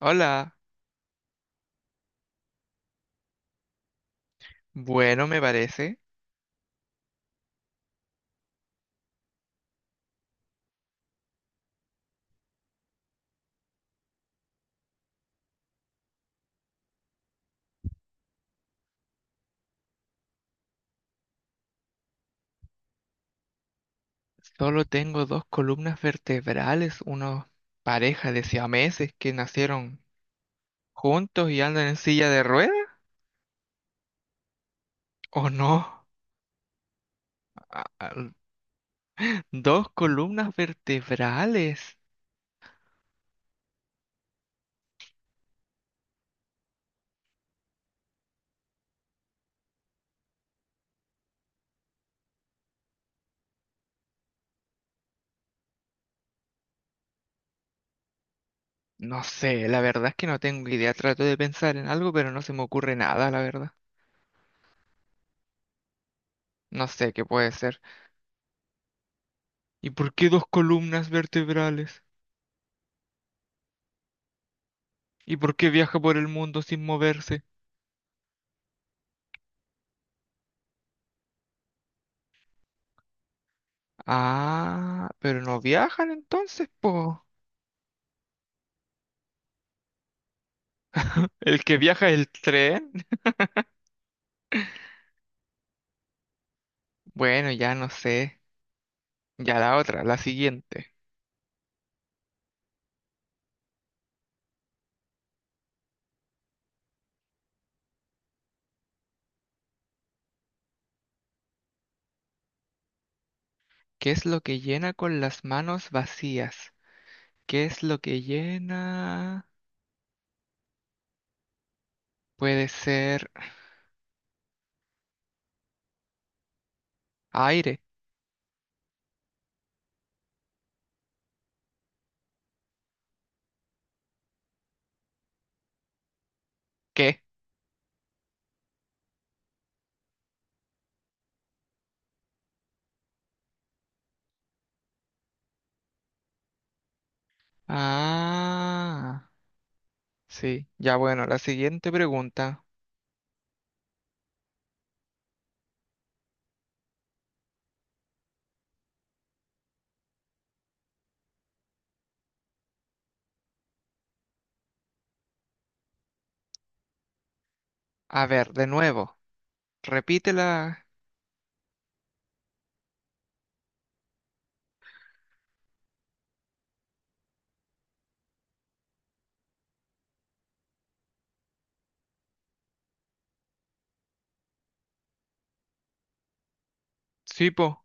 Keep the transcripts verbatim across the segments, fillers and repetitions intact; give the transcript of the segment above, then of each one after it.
Hola, bueno me parece. Solo tengo dos columnas vertebrales, una pareja de siameses que nacieron juntos y andan en silla de ruedas, ¿o no? Ah, ah, dos columnas vertebrales. No sé, la verdad es que no tengo idea. Trato de pensar en algo, pero no se me ocurre nada, la verdad. No sé qué puede ser. ¿Y por qué dos columnas vertebrales? ¿Y por qué viaja por el mundo sin moverse? Ah, pero no viajan entonces, po. El que viaja el tren. Bueno, ya no sé. Ya la otra, la siguiente. ¿Qué es lo que llena con las manos vacías? ¿Qué es lo que llena? Puede ser aire. ¿Qué? Ah, sí. Ya bueno, la siguiente pregunta. A ver, de nuevo. Repítela. Sí, po.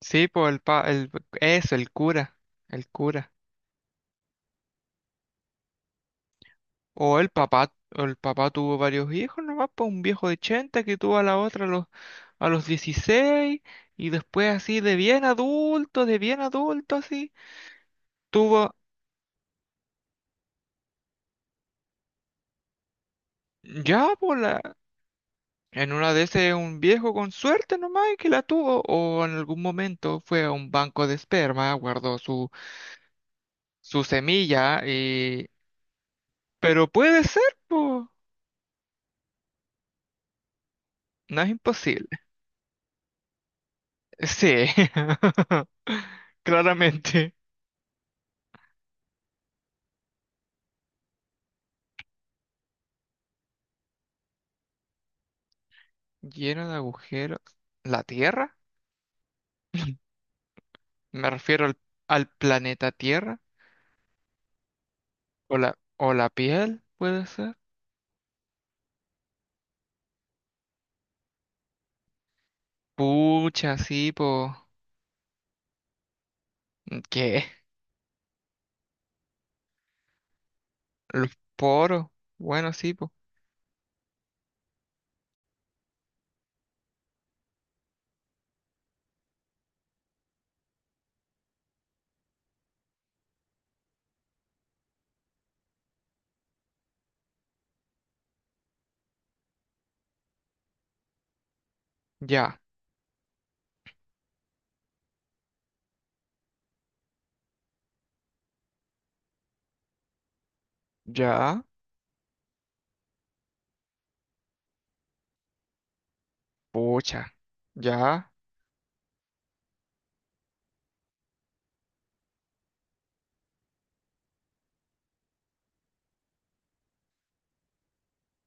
Sí, po, el pa, el, eso, el cura. El cura. O el papá, o el papá tuvo varios hijos nomás, pues un viejo de ochenta que tuvo a la otra a los, a los dieciséis y después así de bien adulto, de bien adulto así, tuvo ya por la... En una de esas un viejo con suerte nomás y que la tuvo o en algún momento fue a un banco de esperma, guardó su, su semilla y... Pero puede ser, pues, no es imposible. Sí, claramente. Lleno de agujeros. ¿La Tierra? Me refiero al, al planeta Tierra. O la, o la piel, puede ser. Pucha, sí, po. ¿Qué? Los poros. Bueno, sí, po. Ya, ya. Pucha, ya.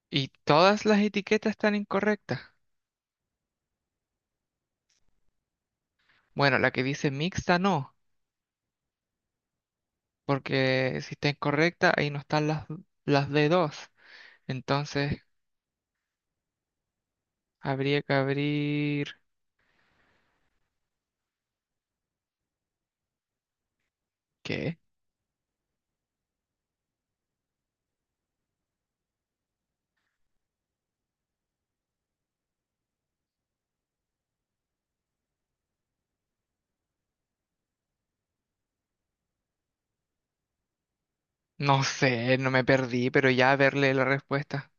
Y todas las etiquetas están incorrectas. Bueno, la que dice mixta no, porque si está incorrecta, ahí no están las, las de dos. Entonces, habría que abrir... ¿Qué? No sé, no me perdí, pero ya verle la respuesta.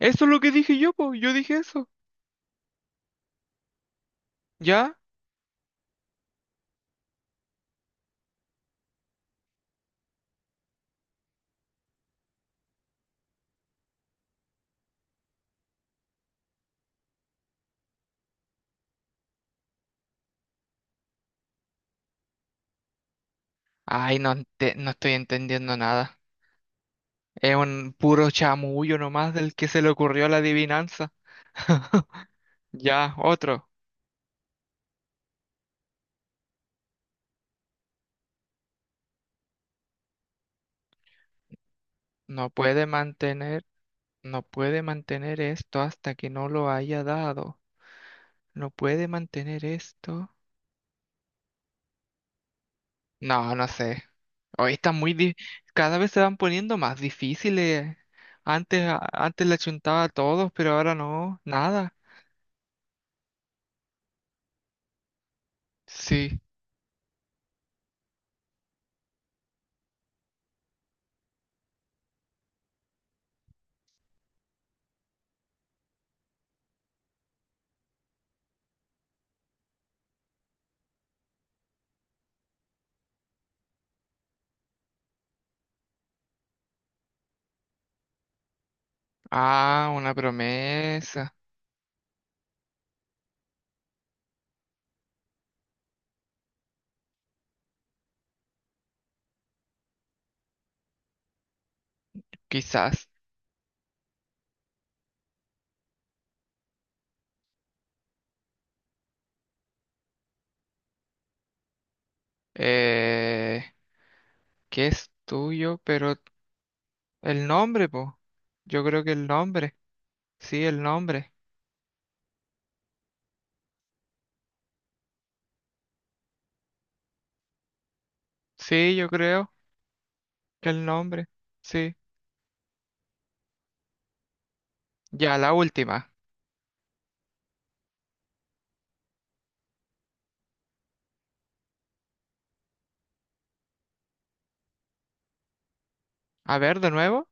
Eso es lo que dije yo, po. Yo dije eso. ¿Ya? Ay, no, ente- no estoy entendiendo nada. Es un puro chamullo nomás del que se le ocurrió la adivinanza. Ya, otro. No puede mantener, no puede mantener esto hasta que no lo haya dado. No puede mantener esto. No, no sé. Hoy está muy di- cada vez se van poniendo más difíciles. Antes, a- antes le chuntaba a todos, pero ahora no, nada. Sí. Ah, una promesa. Quizás. Eh, ¿qué es tuyo? Pero el nombre, po. Yo creo que el nombre. Sí, el nombre. Sí, yo creo que el nombre. Sí. Ya, la última. A ver, de nuevo.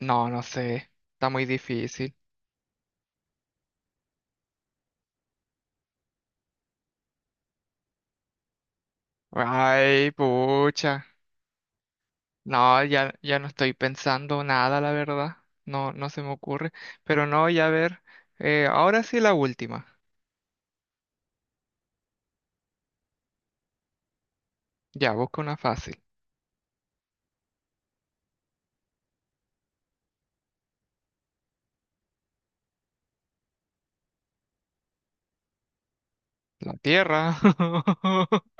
No, no sé. Está muy difícil. Ay, pucha. No, ya, ya no estoy pensando nada, la verdad. No, no se me ocurre. Pero no, ya a ver. Eh, ahora sí la última. Ya, busco una fácil. La Tierra.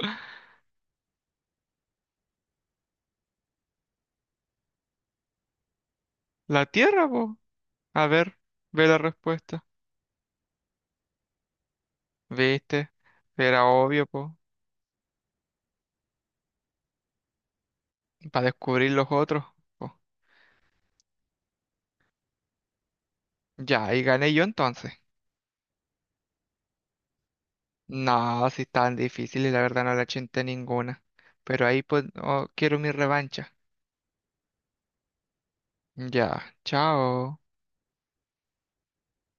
La Tierra, po. A ver, ve la respuesta. ¿Viste? Era obvio, po. Para descubrir los otros, po. Ya, y gané yo entonces. No, si tan difícil y la verdad no la chinté ninguna. Pero ahí pues oh, quiero mi revancha. Ya, chao.